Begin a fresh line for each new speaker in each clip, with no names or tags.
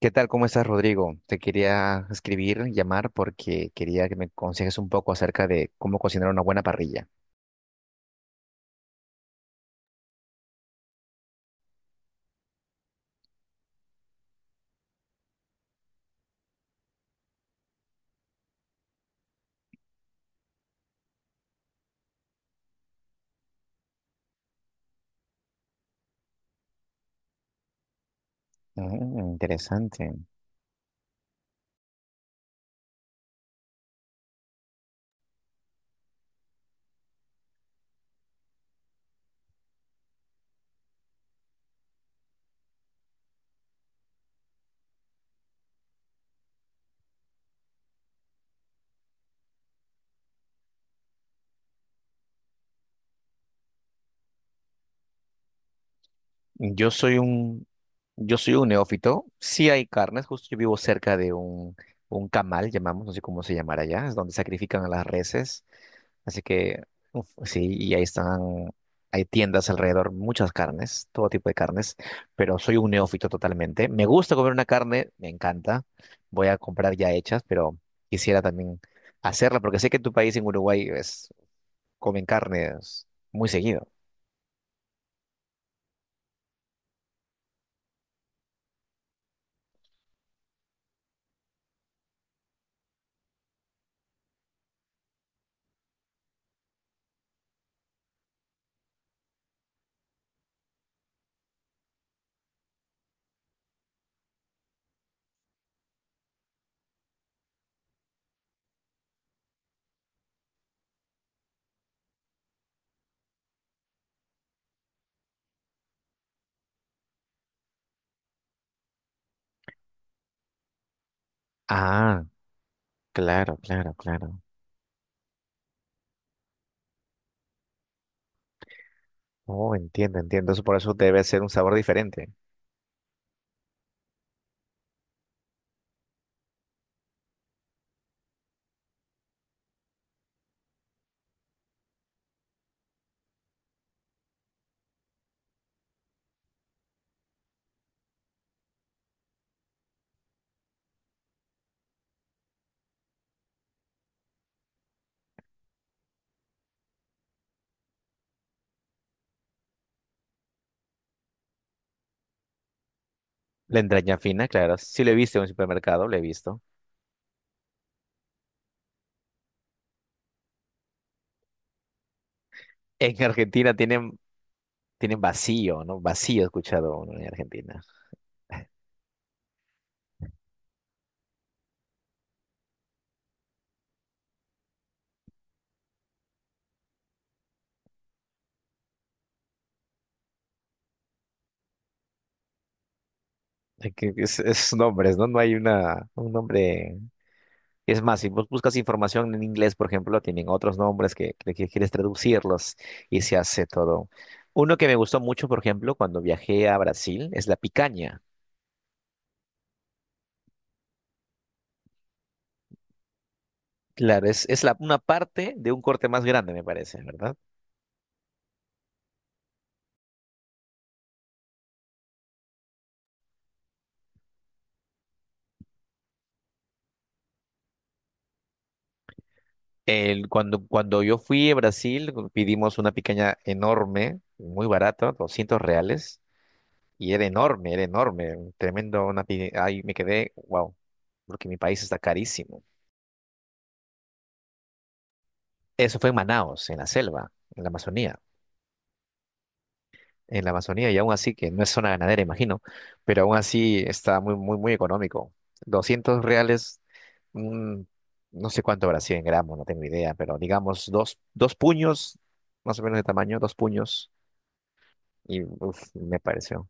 ¿Qué tal? ¿Cómo estás, Rodrigo? Te quería escribir, llamar, porque quería que me aconsejes un poco acerca de cómo cocinar una buena parrilla. Mm, interesante. Yo soy un, yo soy un neófito. Sí hay carnes, justo yo vivo cerca de un camal, llamamos, no sé cómo se llamará allá, es donde sacrifican a las reses. Así que, uf, sí, y ahí están, hay tiendas alrededor, muchas carnes, todo tipo de carnes, pero soy un neófito totalmente. Me gusta comer una carne, me encanta. Voy a comprar ya hechas, pero quisiera también hacerla, porque sé que en tu país, en Uruguay, comen carnes muy seguido. Ah, claro, claro, claro. Oh, entiendo, entiendo. Eso por eso debe ser un sabor diferente. La entraña fina, claro. Sí lo he visto en un supermercado, lo he visto. En Argentina tienen. Tienen vacío, ¿no? Vacío he escuchado uno en Argentina. Es nombres, ¿no? No hay un nombre. Es más, si vos buscas información en inglés, por ejemplo, tienen otros nombres que quieres traducirlos y se hace todo. Uno que me gustó mucho, por ejemplo, cuando viajé a Brasil, es la picaña. Claro, es una parte de un corte más grande, me parece, ¿verdad? Cuando yo fui a Brasil, pidimos una picaña enorme, muy barata, 200 reales, y era enorme, un tremendo, una pi- ahí me quedé, wow, porque mi país está carísimo. Eso fue en Manaos, en la selva, en la Amazonía, y aún así, que no es zona ganadera, imagino, pero aún así está muy, muy, muy económico. 200 reales, mm, no sé cuánto habrá sido en gramos, no tengo idea, pero digamos dos, dos puños, más o menos de tamaño, dos puños. Y uf, me pareció.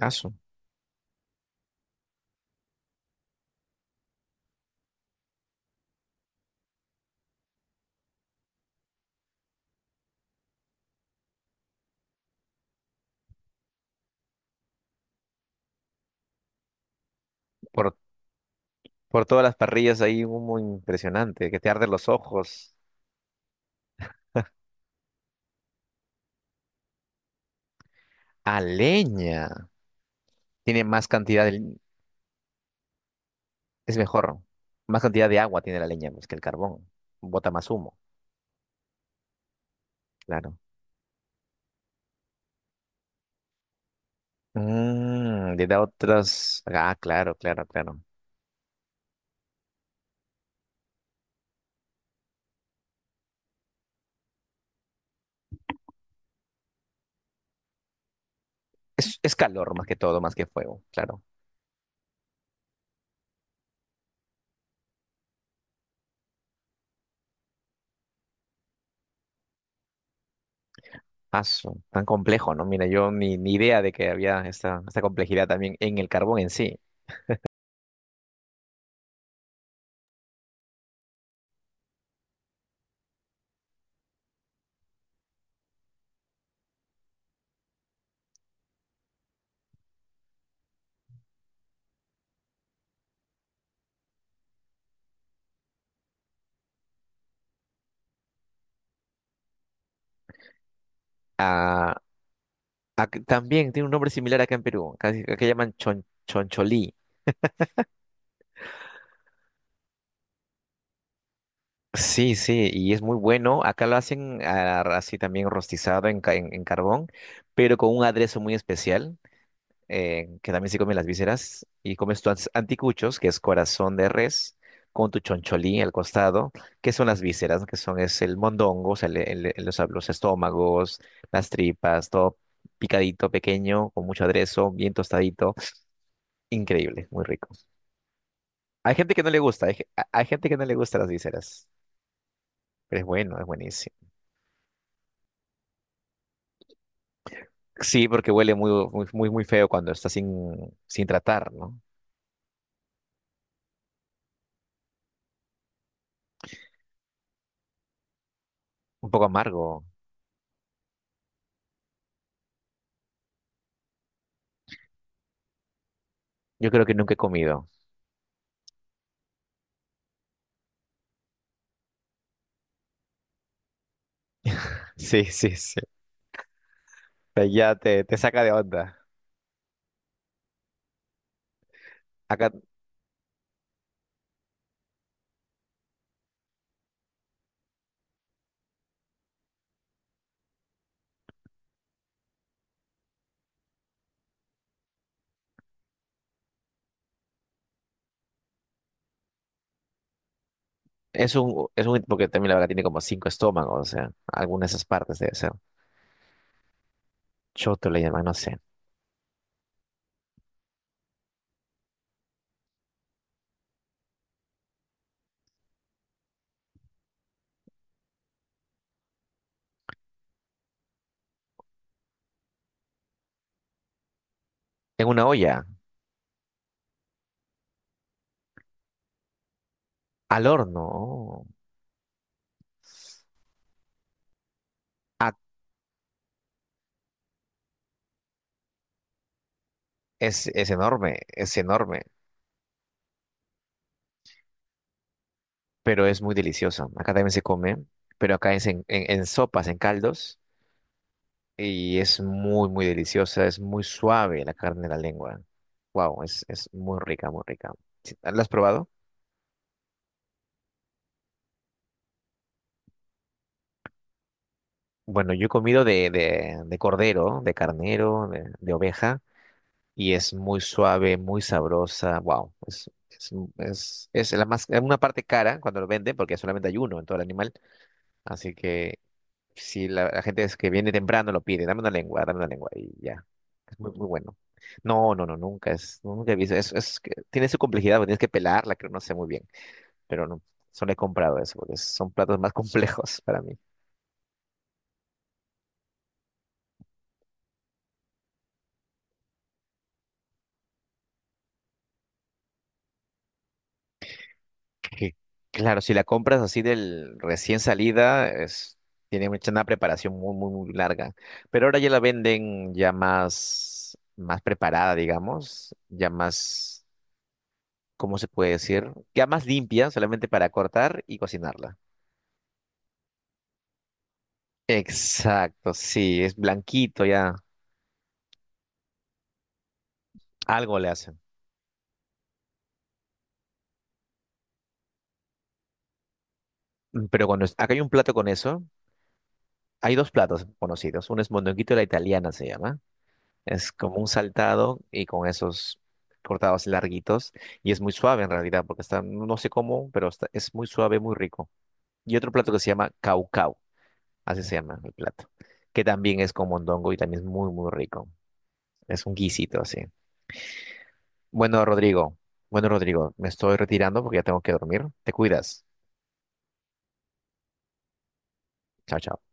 Aso. Por, por todas las parrillas hay humo impresionante, que te arde los ojos. A leña. Tiene más cantidad de li-. Es mejor. Más cantidad de agua tiene la leña, pues, que el carbón. Bota más humo, claro. Le da otras. Ah, claro, claro, claro. Es calor más que todo, más que fuego, claro. Aso, tan complejo, ¿no? Mira, yo ni idea de que había esta complejidad también en el carbón en sí. Ah, también tiene un nombre similar acá en Perú. Acá llaman choncholí. Sí, sí, y es muy bueno. Acá lo hacen así también rostizado en carbón, pero con un aderezo muy especial, que también se comen las vísceras, y comes tus anticuchos, que es corazón de res, con tu choncholí al costado, que son las vísceras, ¿no? que son es el mondongo, o sea, los estómagos, las tripas, todo picadito, pequeño, con mucho aderezo, bien tostadito. Increíble, muy rico. Hay gente que no le gusta, hay gente que no le gusta las vísceras, pero es bueno, es buenísimo. Sí, porque huele muy, muy, muy, muy feo cuando está sin tratar, ¿no? Un poco amargo. Yo creo que nunca he comido. Sí, sí, sí. Ya te saca de onda. Acá es un, porque también la vaca tiene como cinco estómagos, o sea, alguna de esas partes debe ser. Choto le llaman, no sé. En una olla, al horno. Oh. Ah, es enorme, es enorme. Pero es muy deliciosa. Acá también se come, pero acá es en sopas, en caldos, y es muy, muy deliciosa, es muy suave la carne de la lengua. Wow, es muy rica, muy rica. Sí, ¿la has probado? Bueno, yo he comido de, de cordero, de carnero, de oveja, y es muy suave, muy sabrosa. Wow, es, es una parte cara cuando lo venden, porque solamente hay uno en todo el animal, así que. Si la gente es que viene temprano lo pide, dame una lengua y ya. Es muy, muy bueno. No, no, no, nunca he visto. Es que tiene su complejidad, porque tienes que pelarla, creo, no sé muy bien. Pero no, solo he comprado eso, porque son platos más complejos para mí. Que, claro, si la compras así del recién salida, tiene mucha una preparación muy, muy, muy larga. Pero ahora ya la venden ya más preparada, digamos, ya más, ¿cómo se puede decir? Ya más limpia, solamente para cortar y cocinarla. Exacto, sí, es blanquito ya. Algo le hacen. Pero acá hay un plato con eso, hay dos platos conocidos. Uno es mondonguito a la italiana, se llama. Es como un saltado y con esos cortados larguitos. Y es muy suave en realidad, porque está, no sé cómo, pero es muy suave, muy rico. Y otro plato que se llama caucau, así se llama el plato, que también es con mondongo y también es muy, muy rico. Es un guisito así. Bueno, Rodrigo, bueno, Rodrigo, me estoy retirando porque ya tengo que dormir. Te cuidas. Chao, chao.